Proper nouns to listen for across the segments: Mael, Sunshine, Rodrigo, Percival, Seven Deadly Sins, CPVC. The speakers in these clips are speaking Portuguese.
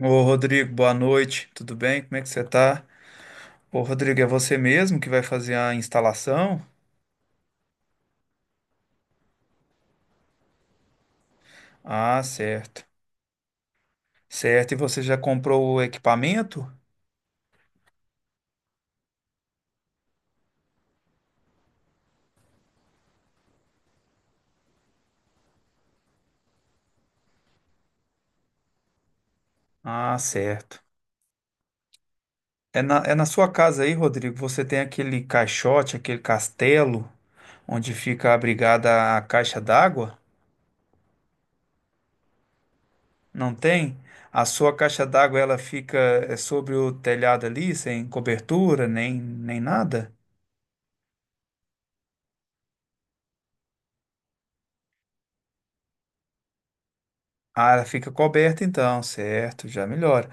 Ô Rodrigo, boa noite, tudo bem? Como é que você tá? Ô Rodrigo, é você mesmo que vai fazer a instalação? Ah, certo. Certo, e você já comprou o equipamento? Ah, certo. É na sua casa aí, Rodrigo, você tem aquele caixote, aquele castelo onde fica abrigada a caixa d'água? Não tem? A sua caixa d'água ela fica é sobre o telhado ali, sem cobertura, nem nada? Ah, ela fica coberta então, certo, já melhora.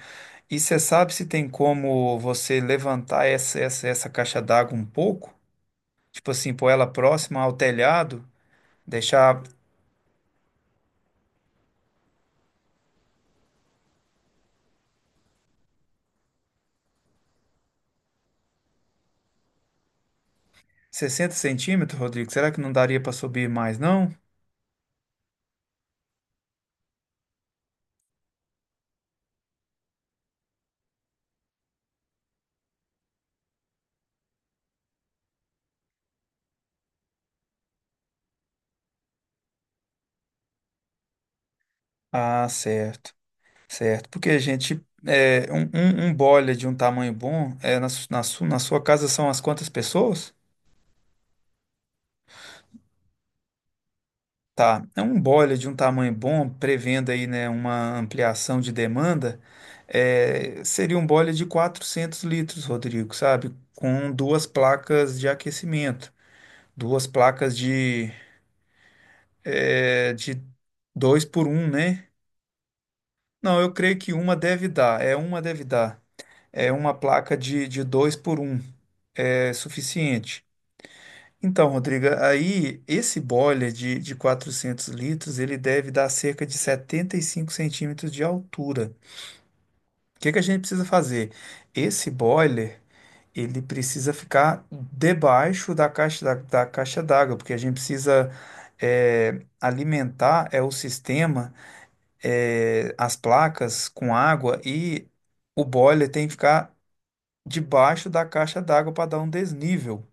E você sabe se tem como você levantar essa caixa d'água um pouco? Tipo assim, pôr ela próxima ao telhado, deixar sessenta centímetros, Rodrigo? Será que não daria para subir mais, não? Ah, certo, certo. Porque a gente, é, um boiler de um tamanho bom, é, na sua casa são as quantas pessoas? Tá, é um boiler de um tamanho bom, prevendo aí, né, uma ampliação de demanda, é, seria um boiler de 400 litros, Rodrigo, sabe? Com duas placas de aquecimento, duas placas de, é, de 2 por um né? Não, eu creio que uma deve dar, é uma deve dar. É uma placa de 2 por um é suficiente. Então, Rodriga, aí esse boiler de 400 litros, ele deve dar cerca de 75 centímetros de altura. O que que a gente precisa fazer? Esse boiler, ele precisa ficar debaixo da caixa da caixa d'água, porque a gente precisa alimentar é o sistema, as placas com água e o boiler tem que ficar debaixo da caixa d'água para dar um desnível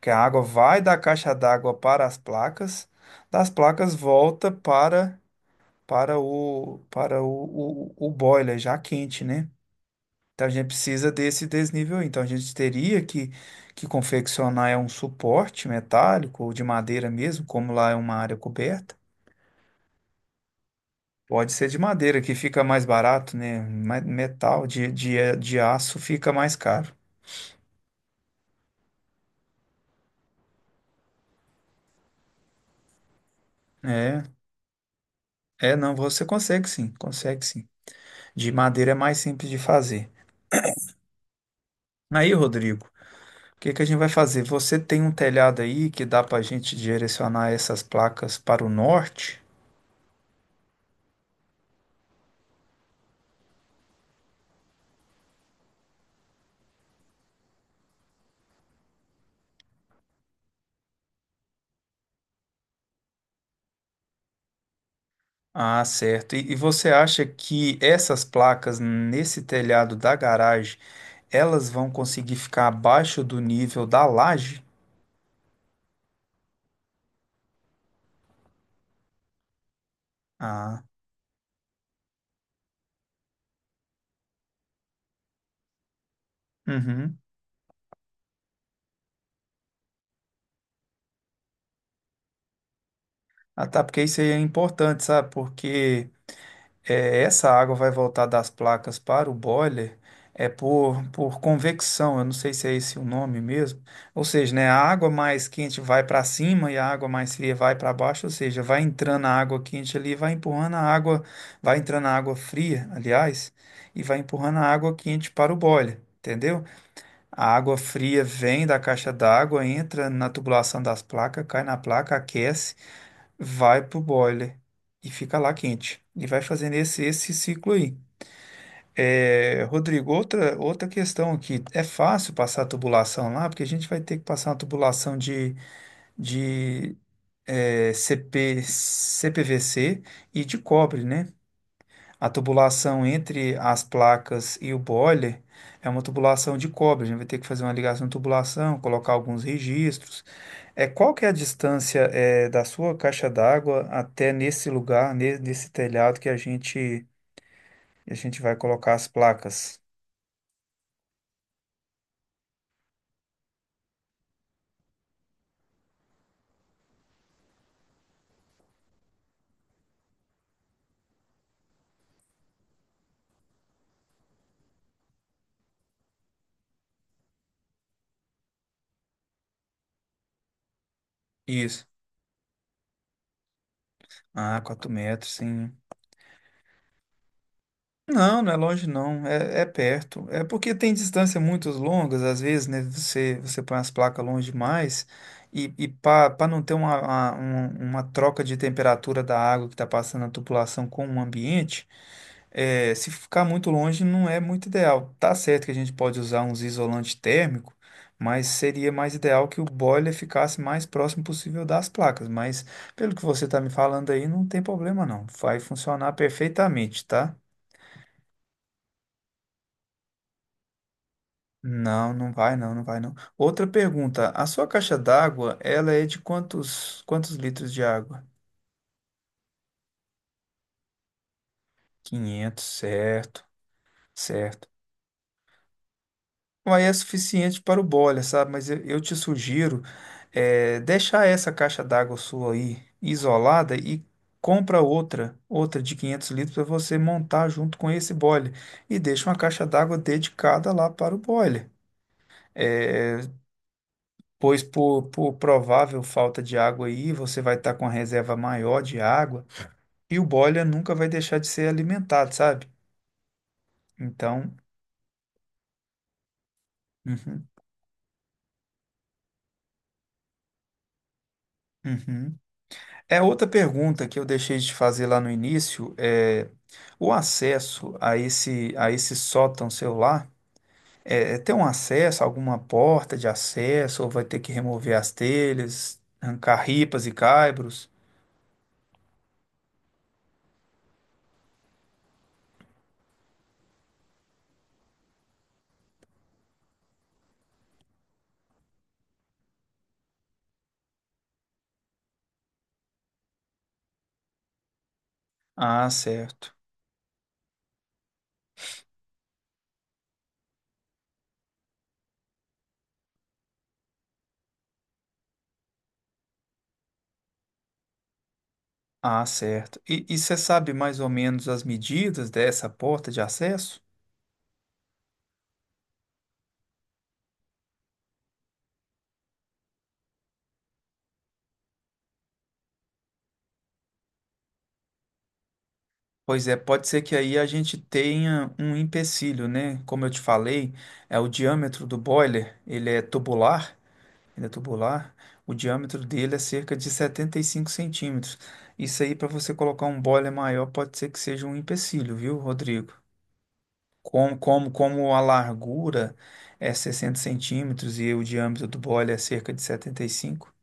que a água vai da caixa d'água para as placas, das placas volta para o boiler já quente, né? Então a gente precisa desse desnível aí. Então a gente teria que confeccionar é um suporte metálico ou de madeira mesmo, como lá é uma área coberta. Pode ser de madeira, que fica mais barato, né? Mas metal de aço fica mais caro. É, não, você consegue sim, consegue sim. De madeira é mais simples de fazer. Aí, Rodrigo, o que que a gente vai fazer? Você tem um telhado aí que dá para a gente direcionar essas placas para o norte? Ah, certo. E você acha que essas placas nesse telhado da garagem, elas vão conseguir ficar abaixo do nível da laje? Ah, uhum. Ah, tá, porque isso aí é importante, sabe? Porque é, essa água vai voltar das placas para o boiler é por convecção, eu não sei se é esse o nome mesmo. Ou seja, né, a água mais quente vai para cima e a água mais fria vai para baixo, ou seja, vai entrando a água quente ali, vai empurrando a água, vai entrando a água fria, aliás, e vai empurrando a água quente para o boiler. Entendeu? A água fria vem da caixa d'água, entra na tubulação das placas, cai na placa, aquece, vai pro boiler e fica lá quente. E vai fazendo esse ciclo aí. É, Rodrigo, outra questão aqui. É fácil passar a tubulação lá, porque a gente vai ter que passar uma tubulação de CP, CPVC e de cobre, né? A tubulação entre as placas e o boiler é uma tubulação de cobre. A gente vai ter que fazer uma ligação de tubulação, colocar alguns registros. É, qual que é a distância é, da sua caixa d'água até nesse lugar, nesse telhado que a gente vai colocar as placas? Isso. Ah, 4 metros, sim. Não, não é longe não, é, é perto. É porque tem distâncias muito longas, às vezes, né? Você põe as placas longe demais e para não ter uma troca de temperatura da água que está passando na tubulação com o ambiente, é, se ficar muito longe não é muito ideal. Tá certo que a gente pode usar uns isolante térmico, mas seria mais ideal que o boiler ficasse mais próximo possível das placas. Mas pelo que você está me falando aí, não tem problema não, vai funcionar perfeitamente, tá? Não, não vai não, não vai não. Outra pergunta, a sua caixa d'água, ela é de quantos litros de água? 500, certo, certo. Aí é suficiente para o boiler, sabe? Mas eu te sugiro deixar essa caixa d'água sua aí isolada e compra outra, outra de 500 litros para você montar junto com esse boiler e deixa uma caixa d'água dedicada lá para o boiler. Eh, pois por provável falta de água aí, você vai estar com a reserva maior de água e o boiler nunca vai deixar de ser alimentado, sabe? Então, uhum, uhum. É outra pergunta que eu deixei de fazer lá no início, é o acesso a esse sótão celular, é, é ter um acesso, alguma porta de acesso ou vai ter que remover as telhas, arrancar ripas e caibros? Ah, certo. Ah, certo. E você sabe mais ou menos as medidas dessa porta de acesso? Pois é, pode ser que aí a gente tenha um empecilho, né? Como eu te falei, é o diâmetro do boiler, ele é tubular. O diâmetro dele é cerca de 75 centímetros. Isso aí, para você colocar um boiler maior, pode ser que seja um empecilho, viu, Rodrigo? Como a largura é 60 centímetros e o diâmetro do boiler é cerca de 75.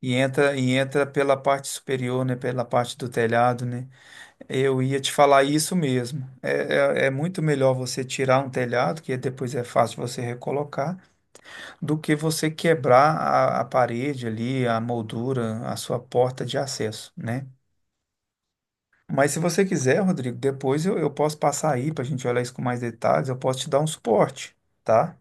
E entra pela parte superior, né? Pela parte do telhado, né? Eu ia te falar isso mesmo. É muito melhor você tirar um telhado, que depois é fácil você recolocar, do que você quebrar a parede ali, a moldura, a sua porta de acesso, né? Mas se você quiser, Rodrigo, depois eu posso passar aí para a gente olhar isso com mais detalhes, eu posso te dar um suporte, tá?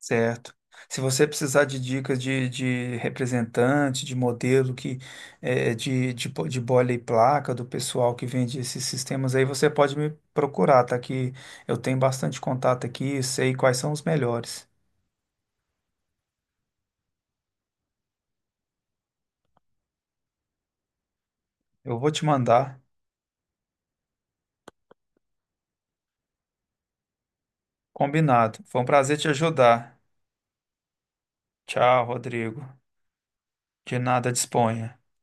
Certo. Se você precisar de dicas de representante, de modelo que de bola e placa do pessoal que vende esses sistemas aí, você pode me procurar, tá? Que eu tenho bastante contato aqui, sei quais são os melhores. Eu vou te mandar. Combinado. Foi um prazer te ajudar. Tchau, Rodrigo. De nada, disponha.